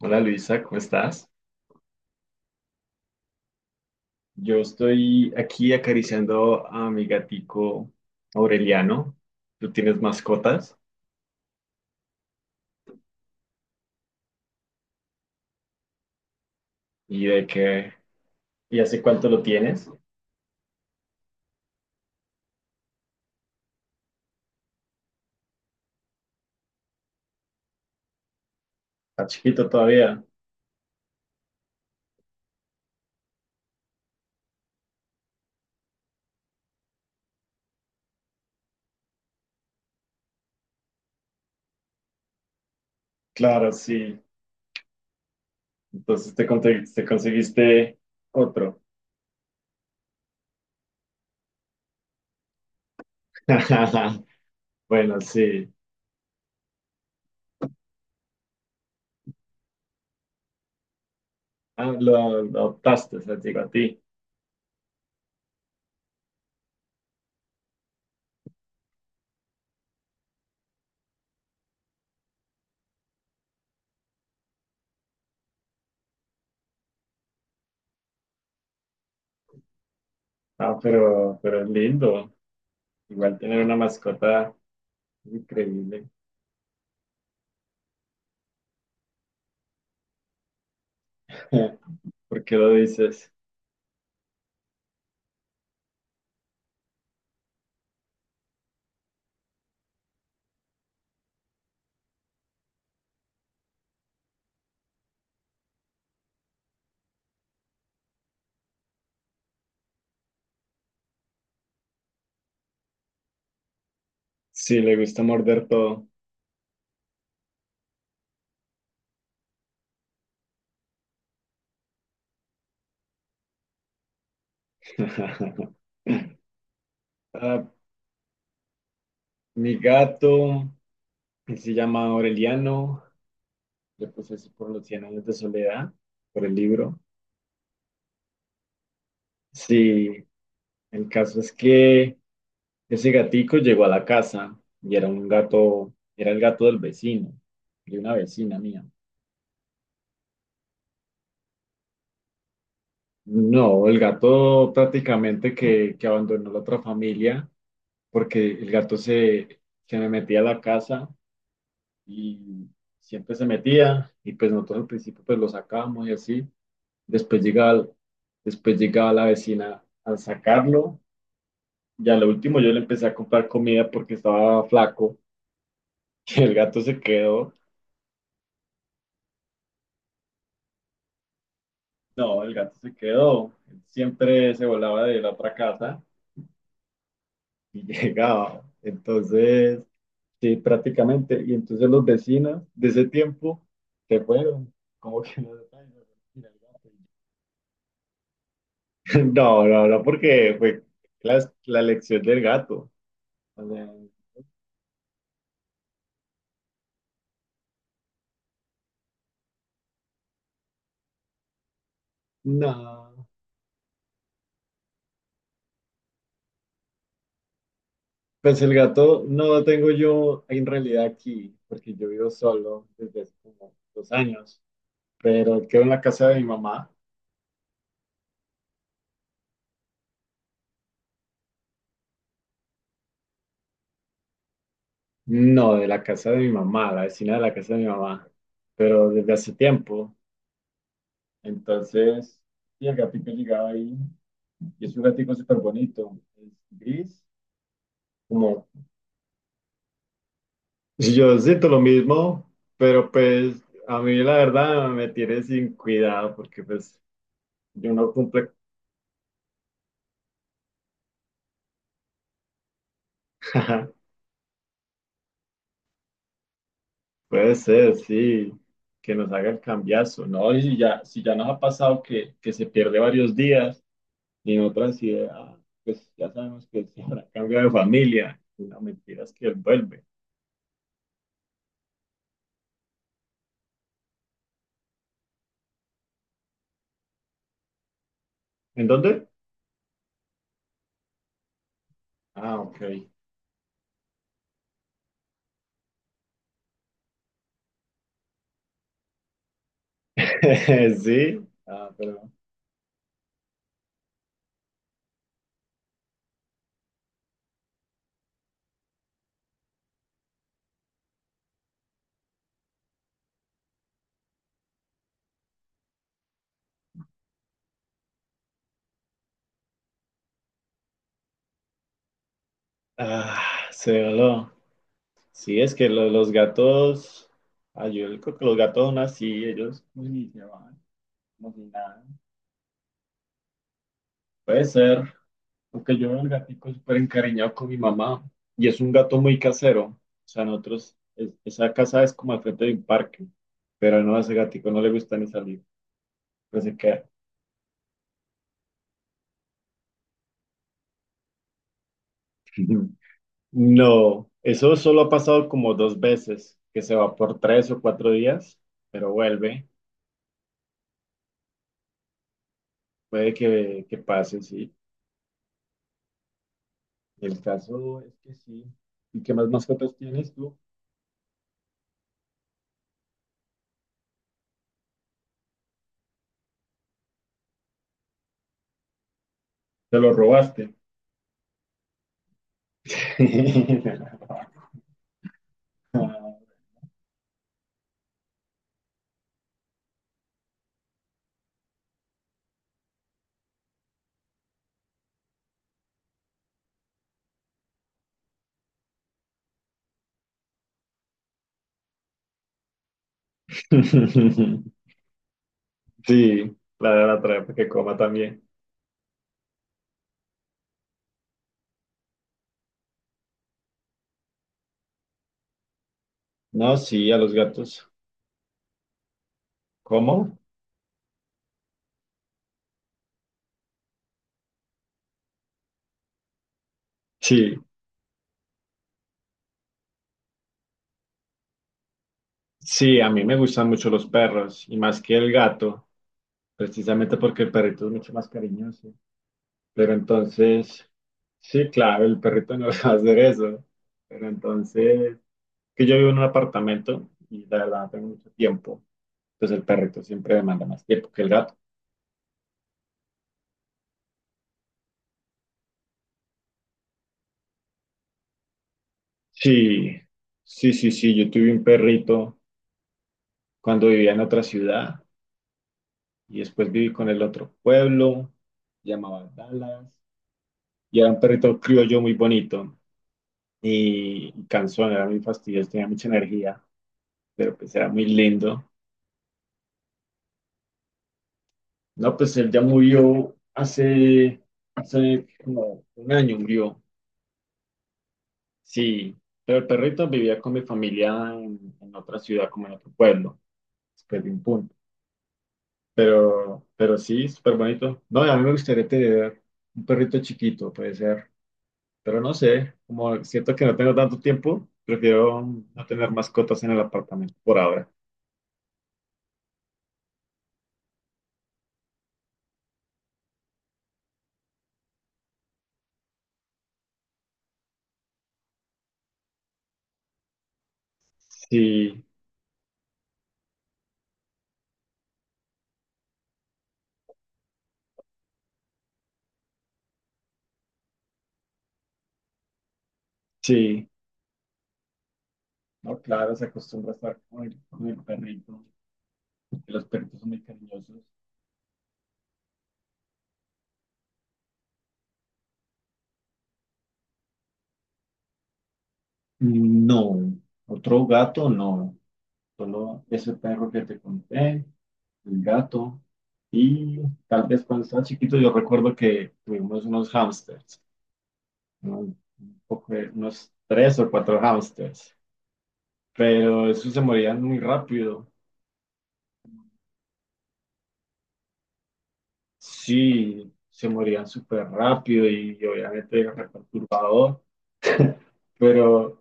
Hola Luisa, ¿cómo estás? Yo estoy aquí acariciando a mi gatico Aureliano. ¿Tú tienes mascotas? ¿Y de qué? ¿Y hace cuánto lo tienes? ¿Está chiquito todavía? Claro, sí. Entonces te conseguiste otro. Bueno, sí. Ah, lo adoptaste, se digo a ti. Ah, pero es lindo. Igual tener una mascota es increíble. ¿Por qué lo dices? Sí, le gusta morder todo. Ah, mi gato, él se llama Aureliano, le puse así por los Cien años de soledad, por el libro. Sí, el caso es que ese gatico llegó a la casa y era un gato, era el gato del vecino, de una vecina mía. No, el gato prácticamente que abandonó la otra familia porque el gato se me metía a la casa y siempre se metía y pues nosotros al principio pues lo sacábamos y así. Después llegaba, Después llegaba la vecina a sacarlo y a lo último yo le empecé a comprar comida porque estaba flaco y el gato se quedó. No, el gato se quedó. Él siempre se volaba de la otra casa y llegaba. Entonces, sí, prácticamente. Y entonces los vecinos de ese tiempo se fueron. Como que no se No, no, no, porque fue la lección del gato. O sea, no, pues el gato no lo tengo yo en realidad aquí, porque yo vivo solo desde hace como 2 años, pero él quedó en la casa de mi mamá. No, de la casa de mi mamá, la vecina de la casa de mi mamá, pero desde hace tiempo. Entonces, y el gatito llegaba ahí, y es un gatito súper bonito, es gris, como. Yo siento lo mismo, pero pues a mí la verdad me tiene sin cuidado porque pues yo no cumple. Puede ser, sí, que nos haga el cambiazo, ¿no? Y si ya nos ha pasado que se pierde varios días y en otras ideas pues ya sabemos que se habrá cambiado de familia. La mentira es que él vuelve. ¿En dónde? Ah, OK. Sí, ah, pero ah, se voló. Sí, es que los gatos, ay, yo creo que los gatos son así, ellos pues, ni se van, como si nada. Puede ser, porque yo veo el gatico súper encariñado con mi mamá y es un gato muy casero. O sea, nosotros, esa casa es como al frente de un parque, pero no, a ese gatico no le gusta ni salir, pues se queda. No, eso solo ha pasado como dos veces, que se va por 3 o 4 días, pero vuelve. Puede que pase, sí. El caso es que sí. ¿Y qué más mascotas tienes tú? Te lo robaste. Sí, la de la traer para que coma también. No, sí, a los gatos. ¿Cómo? Sí, sí, a mí me gustan mucho los perros y más que el gato, precisamente porque el perrito es mucho más cariñoso. Pero entonces, sí, claro, el perrito no va a hacer eso. Pero entonces, que yo vivo en un apartamento y la verdad no tengo mucho tiempo. Pues el perrito siempre demanda más tiempo que el gato. Sí, sí, sí, sí, yo tuve un perrito cuando vivía en otra ciudad y después viví con el otro pueblo, llamaba Dallas, y era un perrito criollo muy bonito y cansón, era muy fastidioso, tenía mucha energía, pero pues era muy lindo. No, pues él ya murió hace como un año murió, sí, pero el perrito vivía con mi familia en otra ciudad, como en otro pueblo, después de un punto. Pero sí, súper bonito. No, y a mí me gustaría tener un perrito chiquito, puede ser. Pero no sé, como siento que no tengo tanto tiempo, prefiero no tener mascotas en el apartamento por ahora. Sí, sí. No, claro, se acostumbra a estar con el perrito, que los perritos son muy cariñosos. No, otro gato no. Solo ese perro que te conté, el gato. Y tal vez cuando estaba chiquito yo recuerdo que tuvimos unos hámsters. ¿No? Unos tres o cuatro hamsters, pero esos se morían muy rápido. Sí, se morían súper rápido y, obviamente era perturbador, pero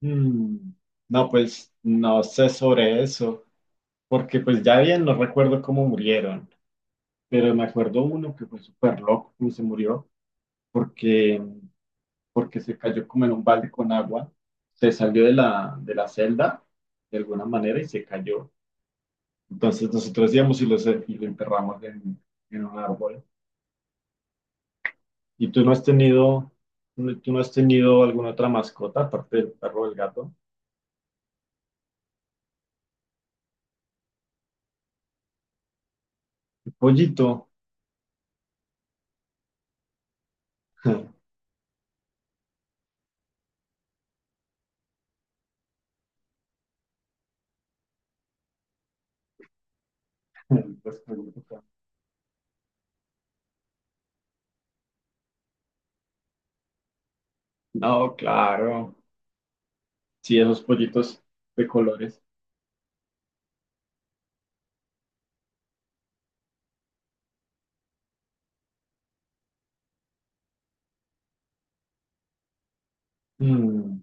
mm, no, pues no sé sobre eso, porque pues ya bien no recuerdo cómo murieron, pero me acuerdo uno que fue súper loco y se murió porque, porque se cayó como en un balde con agua, se salió de la celda de alguna manera y se cayó. Entonces nosotros íbamos y lo enterramos en un árbol. ¿Y tú no has tenido alguna otra mascota aparte del perro o del gato? El pollito. Los pollitos. No, claro. Sí, esos pollitos de colores. Mm,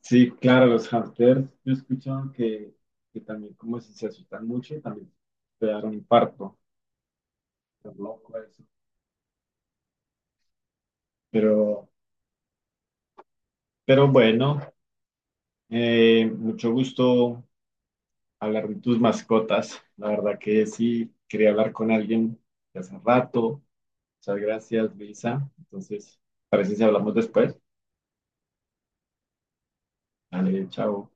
sí, claro, los hamsters. Yo he escuchado que también como si se asustan mucho, también te dan un infarto. Es loco eso. Pero, pero bueno, mucho gusto hablar de tus mascotas. La verdad que sí, quería hablar con alguien de hace rato. Muchas gracias, Luisa. Entonces, parece si hablamos después. Dale, chao.